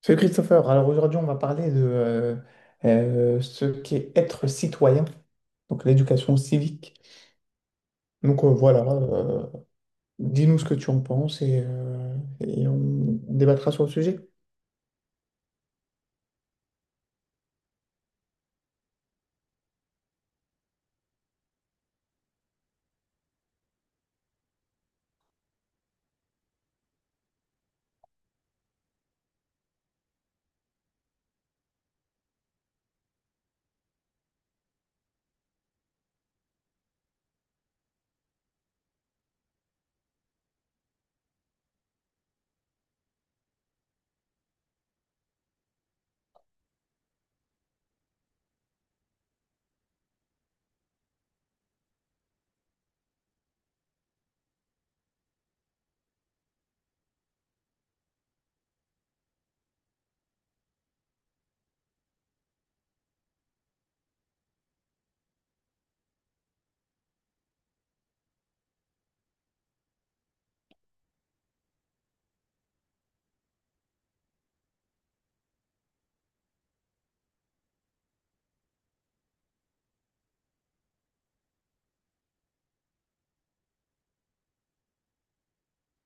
Salut Christopher, alors aujourd'hui on va parler de ce qu'est être citoyen, donc l'éducation civique. Donc euh, voilà, euh, Dis-nous ce que tu en penses et on débattra sur le sujet.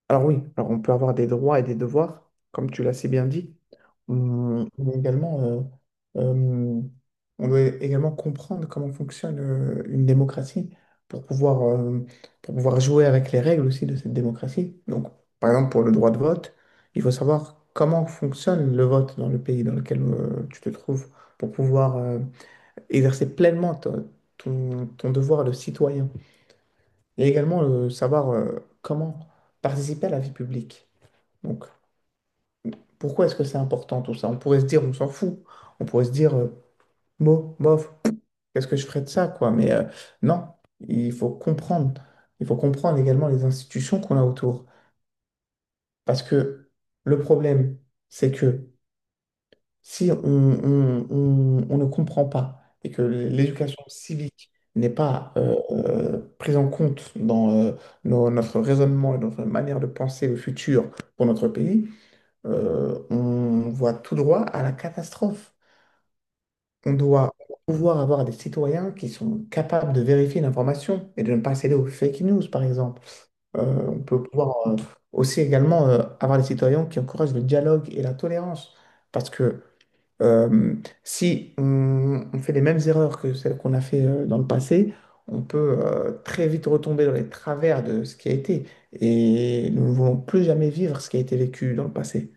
Alors oui, alors on peut avoir des droits et des devoirs, comme tu l'as si bien dit. On est également, euh, on doit également comprendre comment fonctionne une démocratie pour pouvoir, euh, pour pouvoir jouer avec les règles aussi de cette démocratie. Donc, par exemple, pour le droit de vote, il faut savoir comment fonctionne le vote dans le pays dans lequel tu te trouves pour pouvoir exercer pleinement ton, ton devoir de citoyen. Et également savoir comment participer à la vie publique. Donc, pourquoi est-ce que c'est important tout ça? On pourrait se dire, on s'en fout. On pourrait se dire, bof, qu'est-ce que je ferais de ça, quoi? Non, il faut comprendre. Il faut comprendre également les institutions qu'on a autour. Parce que le problème, c'est que si on ne comprend pas et que l'éducation civique n'est pas prise en compte dans notre raisonnement et notre manière de penser le futur pour notre pays, on voit tout droit à la catastrophe. On doit pouvoir avoir des citoyens qui sont capables de vérifier l'information et de ne pas céder aux fake news, par exemple. On peut pouvoir aussi également avoir des citoyens qui encouragent le dialogue et la tolérance. Parce que euh, si on, on fait les mêmes erreurs que celles qu'on a fait dans le passé, on peut très vite retomber dans les travers de ce qui a été. Et nous ne voulons plus jamais vivre ce qui a été vécu dans le passé.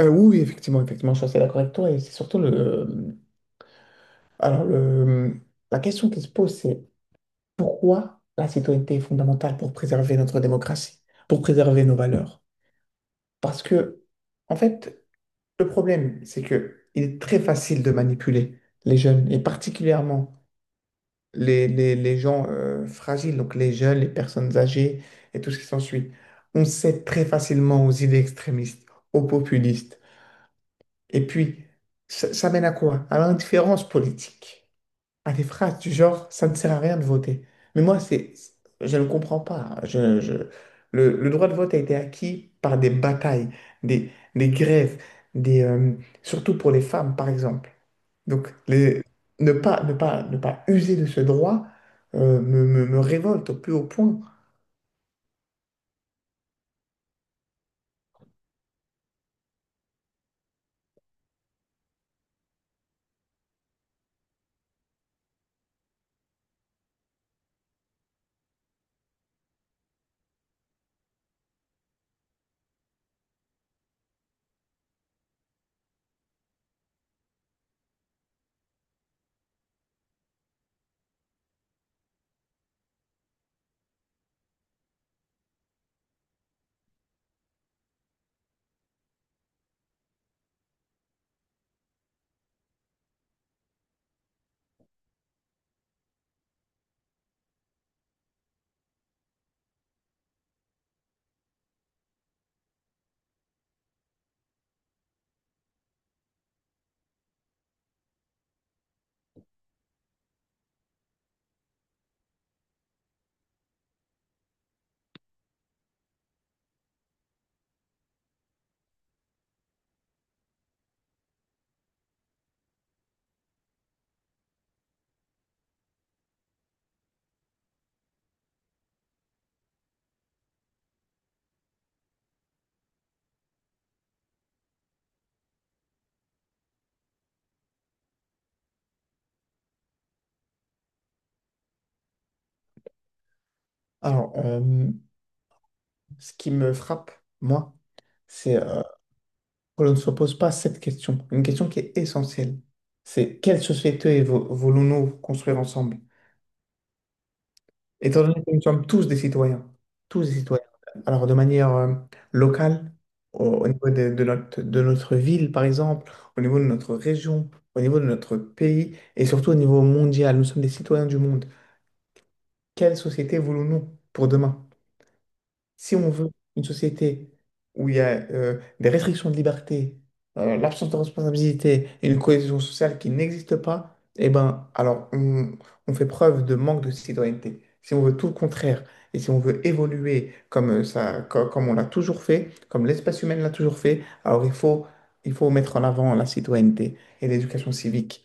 Oui, oui, effectivement, effectivement, je suis assez d'accord avec toi. Et c'est surtout le. Alors, le... la question qui se pose, c'est pourquoi la citoyenneté est fondamentale pour préserver notre démocratie, pour préserver nos valeurs? Parce que, en fait, le problème, c'est que il est très facile de manipuler les jeunes, et particulièrement les, les gens fragiles, donc les jeunes, les personnes âgées et tout ce qui s'ensuit. On cède très facilement aux idées extrémistes, aux populistes. Et puis, ça mène à quoi? À l'indifférence politique. À des phrases du genre, ça ne sert à rien de voter. Mais moi, c'est, je ne comprends pas, hein. Le droit de vote a été acquis par des batailles, des, des grèves, des, euh, surtout pour les femmes, par exemple. Donc, les- Ne pas, ne pas, ne pas user de ce droit me, me révolte au plus haut point. Alors, ce qui me frappe, moi, c'est que l'on ne se pose pas cette question, une question qui est essentielle. C'est quelle société voulons-nous construire ensemble? Étant donné que nous sommes tous des citoyens, alors de manière locale, au, au niveau de notre ville par exemple, au niveau de notre région, au niveau de notre pays et surtout au niveau mondial, nous sommes des citoyens du monde. Quelle société voulons-nous pour demain? Si on veut une société où il y a des restrictions de liberté, l'absence de responsabilité et une cohésion sociale qui n'existe pas, eh ben, alors on fait preuve de manque de citoyenneté. Si on veut tout le contraire et si on veut évoluer comme comme on l'a toujours fait, comme l'espèce humaine l'a toujours fait, alors il faut mettre en avant la citoyenneté et l'éducation civique.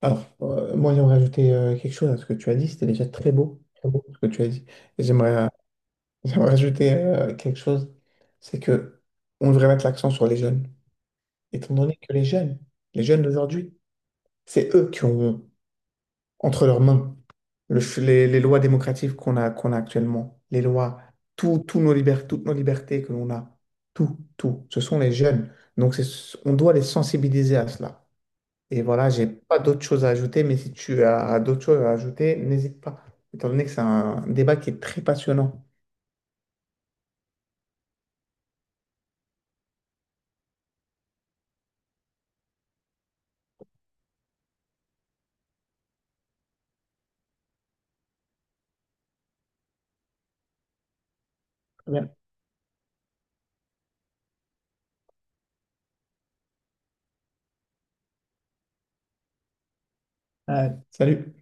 Alors, moi, j'aimerais ajouter quelque chose à ce que tu as dit. C'était déjà très beau ce que tu as dit. Et j'aimerais j'aimerais ajouter quelque chose, c'est que on devrait mettre l'accent sur les jeunes, étant donné que les jeunes d'aujourd'hui, c'est eux qui ont entre leurs mains les lois démocratiques qu'on a, qu'on a actuellement, les lois, tout, tout nos toutes nos libertés que l'on a, tout, tout, ce sont les jeunes. Donc on doit les sensibiliser à cela. Et voilà, j'ai pas d'autres choses à ajouter, mais si tu as d'autres choses à ajouter, n'hésite pas, étant donné que c'est un débat qui est très passionnant. Très bien. Salut.